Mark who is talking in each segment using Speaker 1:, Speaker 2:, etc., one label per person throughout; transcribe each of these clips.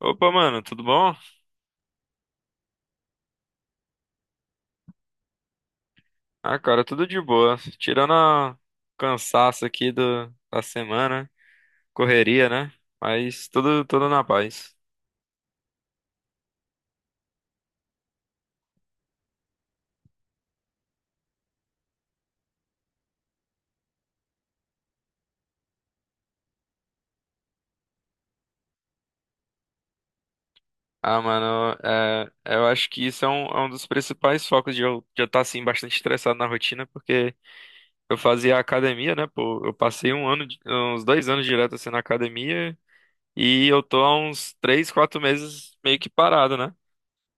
Speaker 1: Opa, mano, tudo bom? Ah, cara, tudo de boa. Tirando o cansaço aqui da semana, correria, né? Mas tudo, tudo na paz. Ah, mano, eu acho que isso é um dos principais focos de eu já estar, assim, bastante estressado na rotina, porque eu fazia academia, né? Pô, eu passei um ano, uns 2 anos direto, assim, na academia, e eu tô há uns 3, 4 meses meio que parado, né?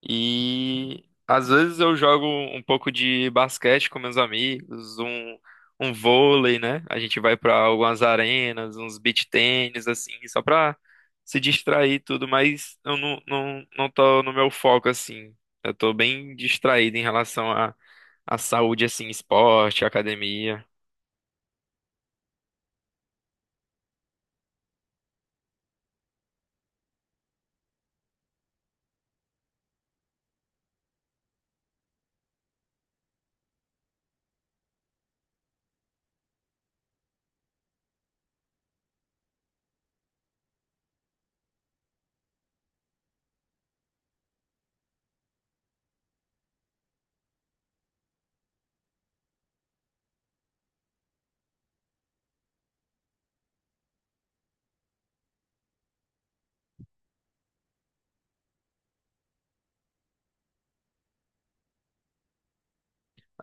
Speaker 1: E às vezes eu jogo um pouco de basquete com meus amigos, um vôlei, né? A gente vai pra algumas arenas, uns beach tênis, assim, só pra se distrair e tudo, mas eu não tô no meu foco, assim. Eu tô bem distraído em relação à saúde, assim, esporte, academia.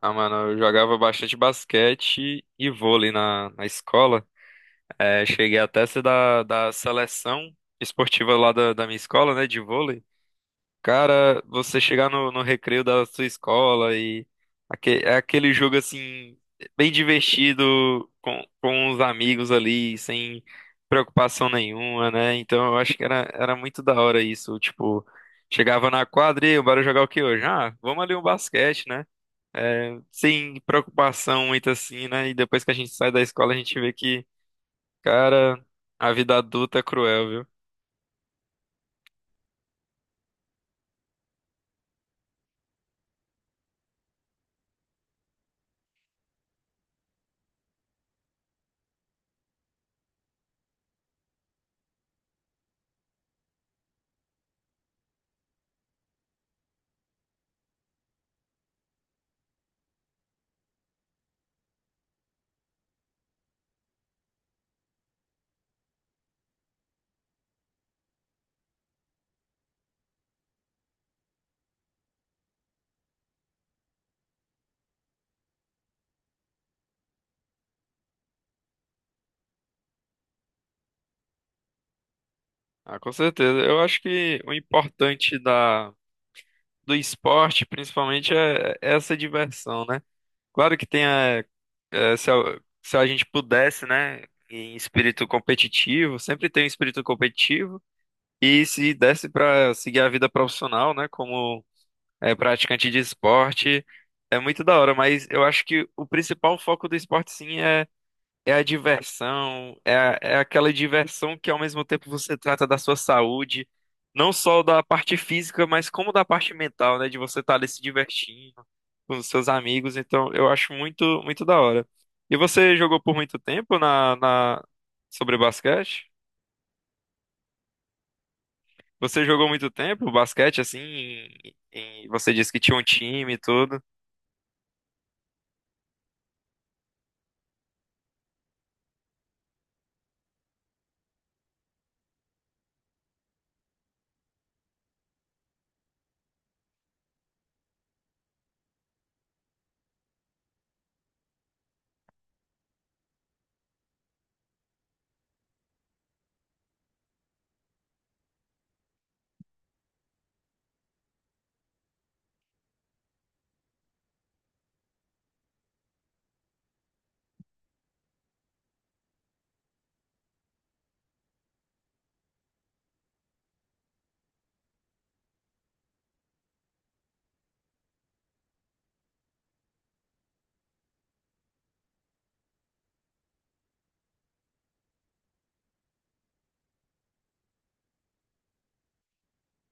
Speaker 1: Ah, mano, eu jogava bastante basquete e vôlei na escola. Cheguei até a ser da seleção esportiva lá da minha escola, né, de vôlei. Cara, você chegar no recreio da sua escola e é aquele jogo assim, bem divertido com os amigos ali, sem preocupação nenhuma, né? Então eu acho que era muito da hora isso. Tipo, chegava na quadra e "Ei, bora jogar o que hoje? Ah, vamos ali um basquete, né? Sem preocupação muito assim, né?" E depois que a gente sai da escola, a gente vê que. Cara, a vida adulta é cruel, viu? Ah, com certeza. Eu acho que o importante da, do esporte, principalmente, é essa diversão, né? Claro que tem a, é, se, a, se a gente pudesse, né, em espírito competitivo, sempre tem um espírito competitivo, e se desse para seguir a vida profissional, né, como é, praticante de esporte, é muito da hora, mas eu acho que o principal foco do esporte, sim, é a diversão, é aquela diversão que ao mesmo tempo você trata da sua saúde, não só da parte física, mas como da parte mental, né? De você estar ali se divertindo com os seus amigos. Então, eu acho muito, muito da hora. E você jogou por muito tempo na sobre basquete? Você jogou muito tempo basquete, assim, você disse que tinha um time e tudo.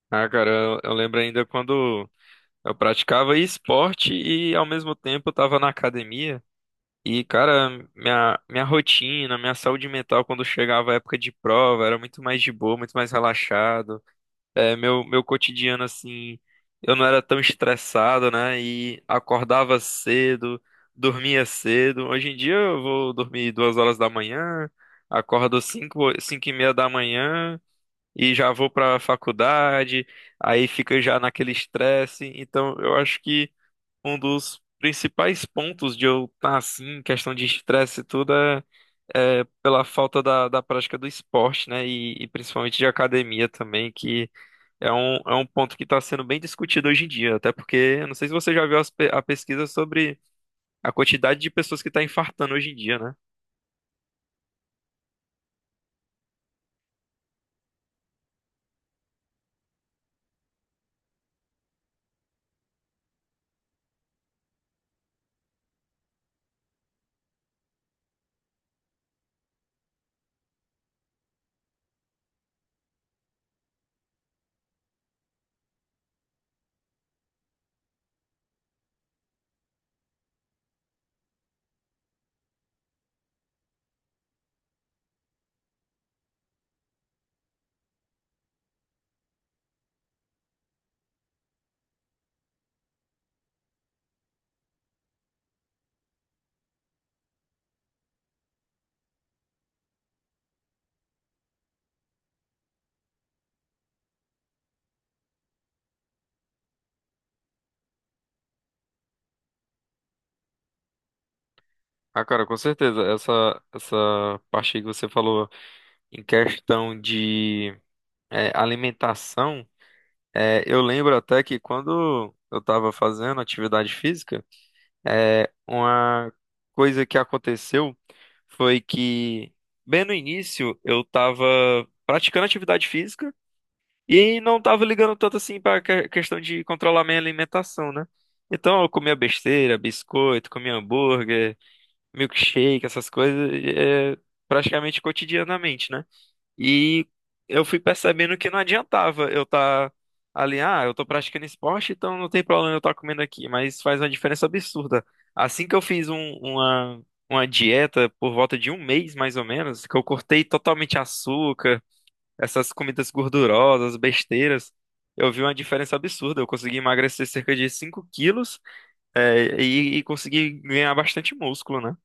Speaker 1: Ah, cara, eu lembro ainda quando eu praticava esporte e ao mesmo tempo estava na academia. E, cara, minha rotina, minha saúde mental quando chegava a época de prova era muito mais de boa, muito mais relaxado. Meu cotidiano, assim, eu não era tão estressado, né? E acordava cedo, dormia cedo. Hoje em dia eu vou dormir 2h da manhã, acordo 5h, 5h30 da manhã e já vou pra faculdade, aí fica já naquele estresse. Então, eu acho que um dos principais pontos de eu estar assim, em questão de estresse e tudo, é pela falta da prática do esporte, né? E principalmente de academia também, que é um ponto que está sendo bem discutido hoje em dia. Até porque, eu não sei se você já viu a pesquisa sobre a quantidade de pessoas que está infartando hoje em dia, né? Ah, cara, com certeza. Essa parte aí que você falou em questão de alimentação, eu lembro até que quando eu estava fazendo atividade física, Uma coisa que aconteceu foi que, bem no início, eu tava praticando atividade física e não tava ligando tanto assim pra questão de controlar minha alimentação, né? Então eu comia besteira, biscoito, comia hambúrguer, milkshake, essas coisas, é, praticamente cotidianamente, né? E eu fui percebendo que não adiantava eu estar ali, ah, eu tô praticando esporte, então não tem problema eu estar comendo aqui, mas faz uma diferença absurda. Assim que eu fiz uma dieta por volta de um mês, mais ou menos, que eu cortei totalmente açúcar, essas comidas gordurosas, besteiras, eu vi uma diferença absurda. Eu consegui emagrecer cerca de 5 quilos, e consegui ganhar bastante músculo, né?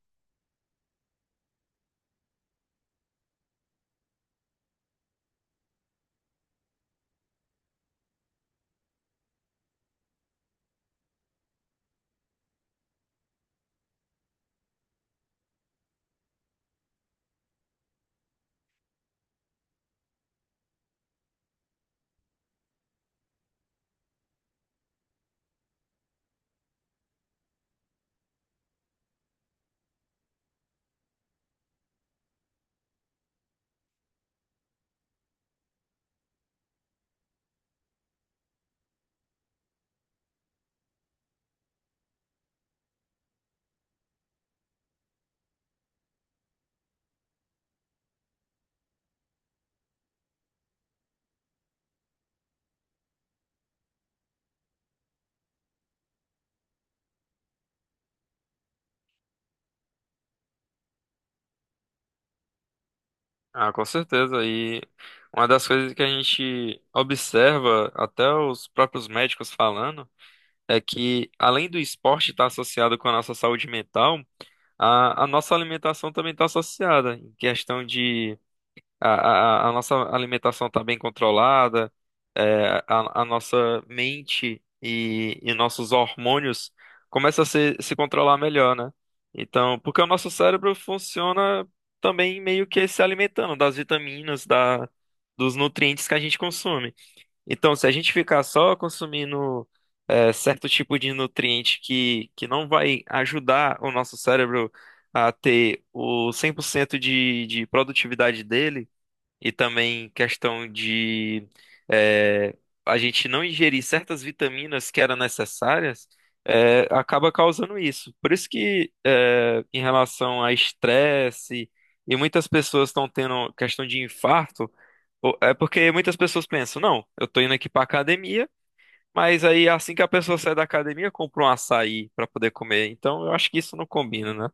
Speaker 1: Ah, com certeza. E uma das coisas que a gente observa, até os próprios médicos falando, é que além do esporte estar associado com a nossa saúde mental, a nossa alimentação também está associada, em questão de a nossa alimentação está bem controlada, a nossa mente e nossos hormônios começam a se controlar melhor, né? Então, porque o nosso cérebro funciona também meio que se alimentando das vitaminas, da, dos nutrientes que a gente consome. Então, se a gente ficar só consumindo certo tipo de nutriente que não vai ajudar o nosso cérebro a ter o 100% de produtividade dele, e também questão de eh, a gente não ingerir certas vitaminas que eram necessárias, acaba causando isso. Por isso que em relação a estresse e muitas pessoas estão tendo questão de infarto, é porque muitas pessoas pensam, não, eu estou indo aqui para academia, mas aí assim que a pessoa sai da academia, compra um açaí para poder comer. Então eu acho que isso não combina, né?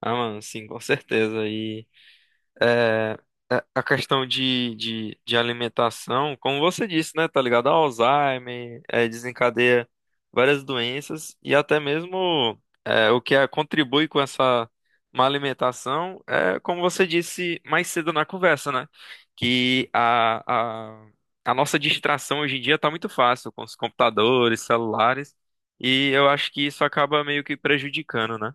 Speaker 1: Ah, mano, sim, com certeza. é, a questão de alimentação, como você disse, né, tá ligado? A Alzheimer, desencadeia várias doenças e até mesmo contribui com essa má alimentação, é, como você disse mais cedo na conversa, né? Que a nossa distração hoje em dia tá muito fácil com os computadores, celulares, e eu acho que isso acaba meio que prejudicando, né?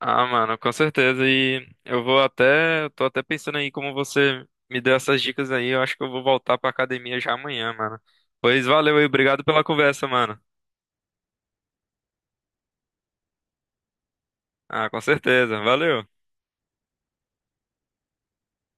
Speaker 1: Ah, mano, com certeza. Eu tô até pensando aí como você me deu essas dicas aí. Eu acho que eu vou voltar pra academia já amanhã, mano. Pois valeu aí, obrigado pela conversa, mano. Ah, com certeza. Valeu.